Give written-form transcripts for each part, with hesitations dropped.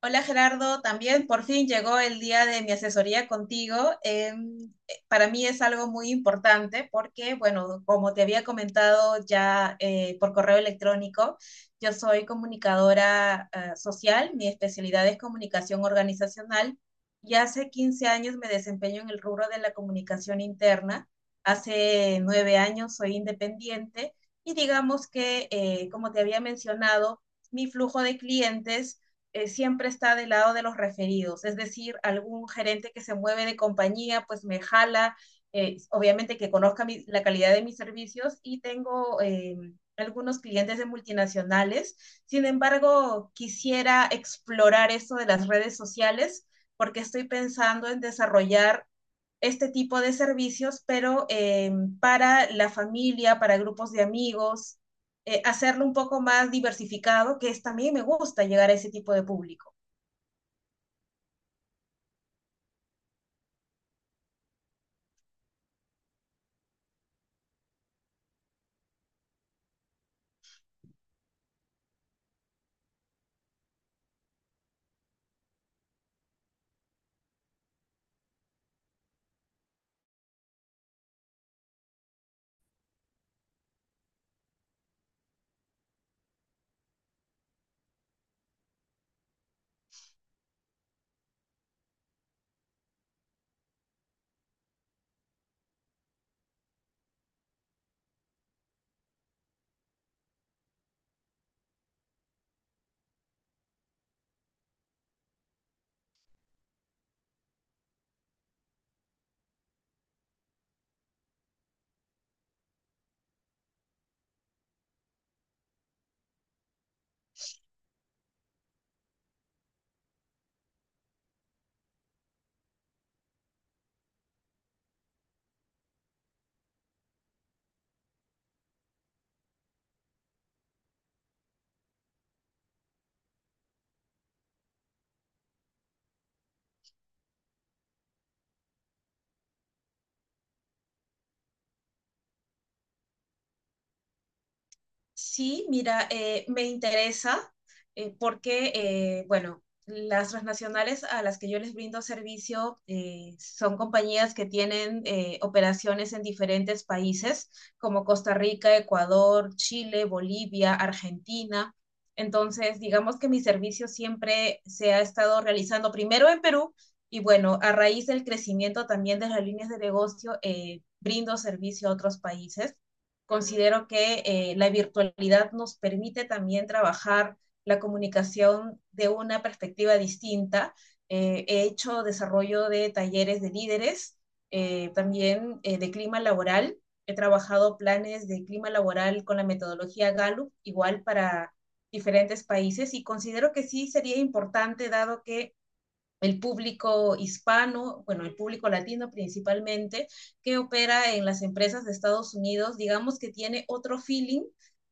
Hola Gerardo, también por fin llegó el día de mi asesoría contigo. Eh, para mí es algo muy importante porque, bueno, como te había comentado ya por correo electrónico, yo soy comunicadora social, mi especialidad es comunicación organizacional y hace 15 años me desempeño en el rubro de la comunicación interna. Hace 9 años soy independiente y digamos que, como te había mencionado, mi flujo de clientes siempre está del lado de los referidos, es decir, algún gerente que se mueve de compañía, pues me jala, obviamente que conozca la calidad de mis servicios y tengo algunos clientes de multinacionales. Sin embargo, quisiera explorar esto de las redes sociales porque estoy pensando en desarrollar este tipo de servicios, pero para la familia, para grupos de amigos, hacerlo un poco más diversificado, que es también me gusta llegar a ese tipo de público. Sí, mira, me interesa porque, bueno, las transnacionales a las que yo les brindo servicio son compañías que tienen operaciones en diferentes países, como Costa Rica, Ecuador, Chile, Bolivia, Argentina. Entonces, digamos que mi servicio siempre se ha estado realizando primero en Perú y bueno, a raíz del crecimiento también de las líneas de negocio, brindo servicio a otros países. Considero que la virtualidad nos permite también trabajar la comunicación de una perspectiva distinta. He hecho desarrollo de talleres de líderes, también de clima laboral. He trabajado planes de clima laboral con la metodología Gallup, igual para diferentes países, y considero que sí sería importante, dado que el público hispano, bueno, el público latino principalmente, que opera en las empresas de Estados Unidos, digamos que tiene otro feeling.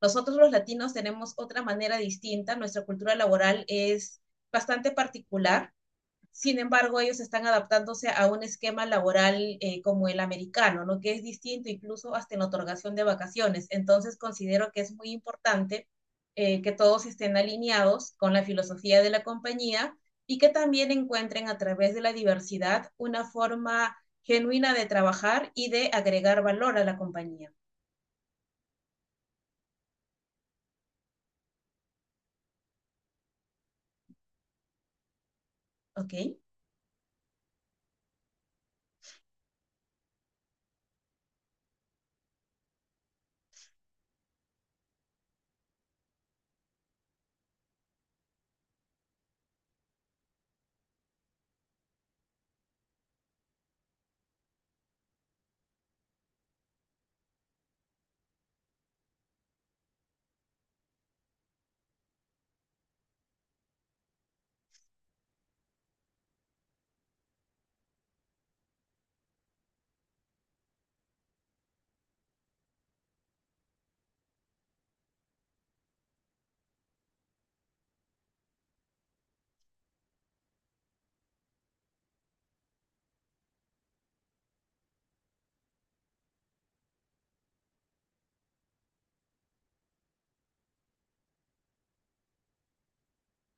Nosotros los latinos tenemos otra manera distinta, nuestra cultura laboral es bastante particular, sin embargo, ellos están adaptándose a un esquema laboral como el americano, ¿no? Que es distinto incluso hasta en la otorgación de vacaciones. Entonces, considero que es muy importante que todos estén alineados con la filosofía de la compañía y que también encuentren a través de la diversidad una forma genuina de trabajar y de agregar valor a la compañía. ¿Ok?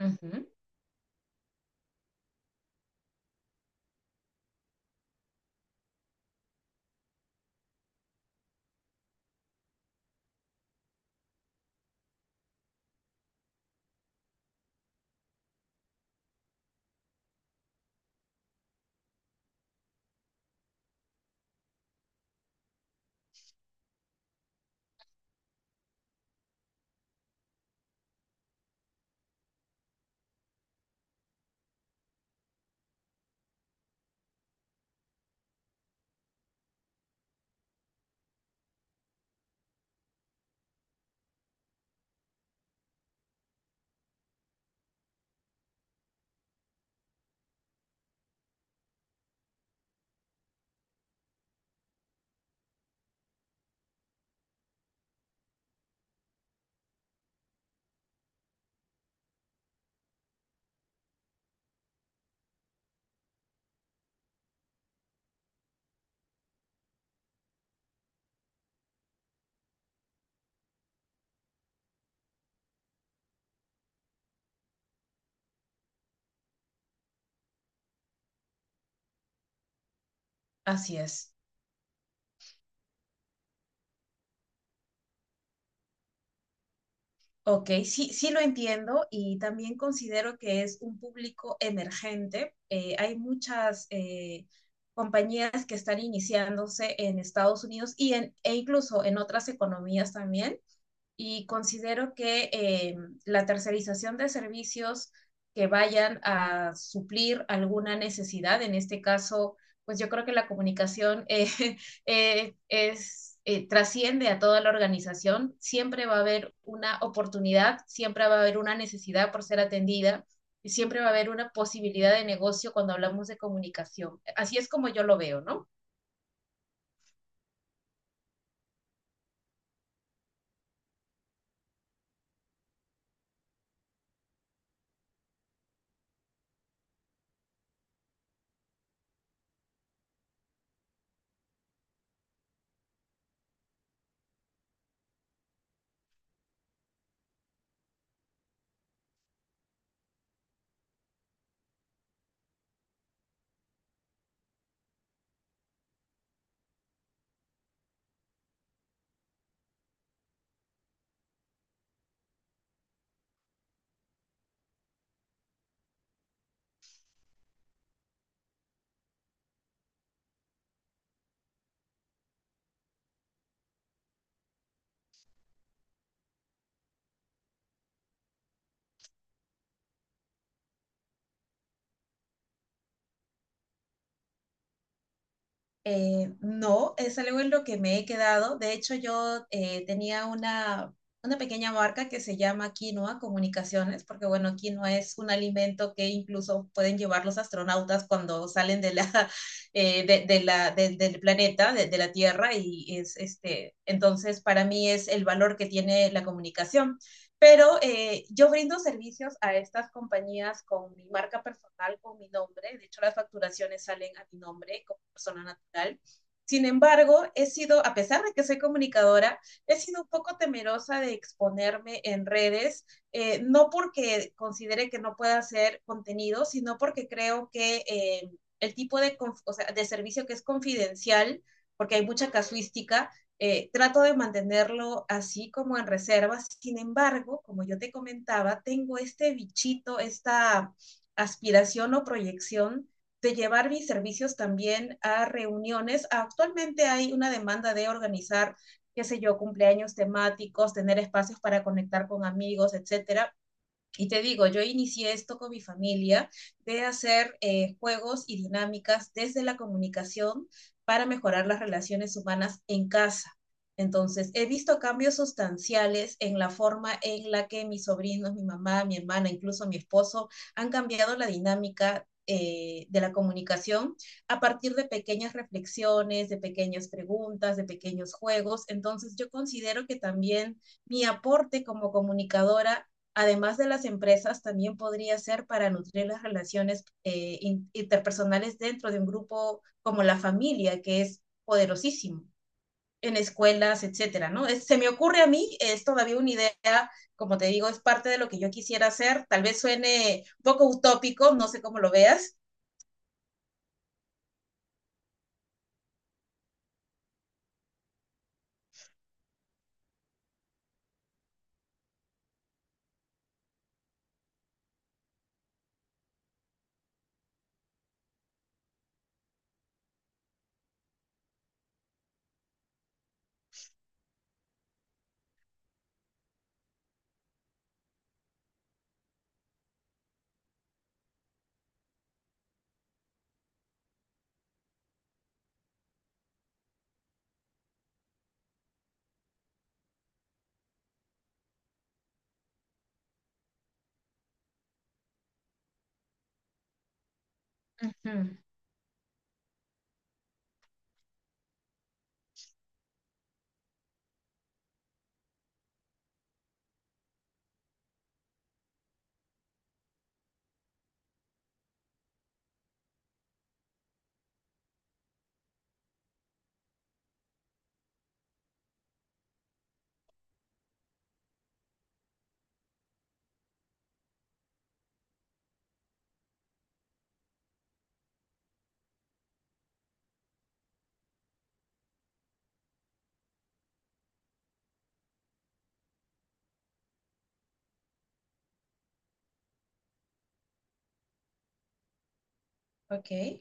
Uh -huh. Así es. Ok, sí, sí lo entiendo y también considero que es un público emergente. Hay muchas compañías que están iniciándose en Estados Unidos y e incluso en otras economías también y considero que la tercerización de servicios que vayan a suplir alguna necesidad, en este caso, pues yo creo que la comunicación trasciende a toda la organización, siempre va a haber una oportunidad, siempre va a haber una necesidad por ser atendida y siempre va a haber una posibilidad de negocio cuando hablamos de comunicación. Así es como yo lo veo, ¿no? No, es algo en lo que me he quedado. De hecho, yo tenía una pequeña marca que se llama Quinoa Comunicaciones, porque bueno, quinoa es un alimento que incluso pueden llevar los astronautas cuando salen del planeta, de la Tierra, y es este, entonces para mí es el valor que tiene la comunicación. Pero yo brindo servicios a estas compañías con mi marca personal, con mi nombre. De hecho, las facturaciones salen a mi nombre como persona natural. Sin embargo, he sido, a pesar de que soy comunicadora, he sido un poco temerosa de exponerme en redes, no porque considere que no pueda hacer contenido, sino porque creo que el tipo de, o sea, de servicio que es confidencial, porque hay mucha casuística, trato de mantenerlo así como en reserva. Sin embargo, como yo te comentaba, tengo este bichito, esta aspiración o proyección de llevar mis servicios también a reuniones. Actualmente hay una demanda de organizar, qué sé yo, cumpleaños temáticos, tener espacios para conectar con amigos, etcétera. Y te digo, yo inicié esto con mi familia de hacer juegos y dinámicas desde la comunicación para mejorar las relaciones humanas en casa. Entonces, he visto cambios sustanciales en la forma en la que mis sobrinos, mi mamá, mi hermana, incluso mi esposo han cambiado la dinámica de la comunicación a partir de pequeñas reflexiones, de pequeñas preguntas, de pequeños juegos. Entonces, yo considero que también mi aporte como comunicadora, además de las empresas, también podría ser para nutrir las relaciones interpersonales dentro de un grupo como la familia, que es poderosísimo en escuelas, etcétera, ¿no? Es, se me ocurre a mí, es todavía una idea, como te digo, es parte de lo que yo quisiera hacer, tal vez suene un poco utópico, no sé cómo lo veas. Uh -huh. Ok.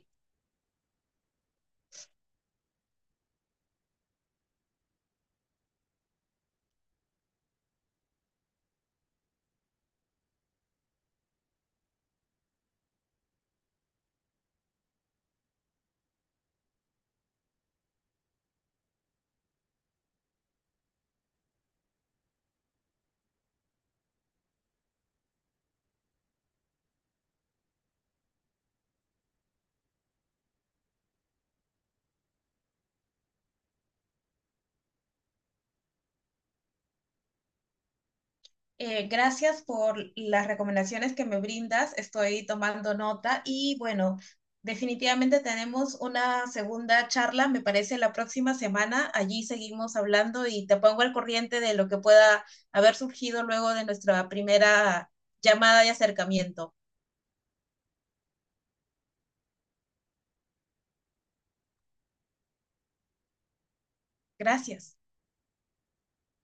Gracias por las recomendaciones que me brindas. Estoy tomando nota y bueno, definitivamente tenemos una segunda charla, me parece, la próxima semana. Allí seguimos hablando y te pongo al corriente de lo que pueda haber surgido luego de nuestra primera llamada y acercamiento. Gracias.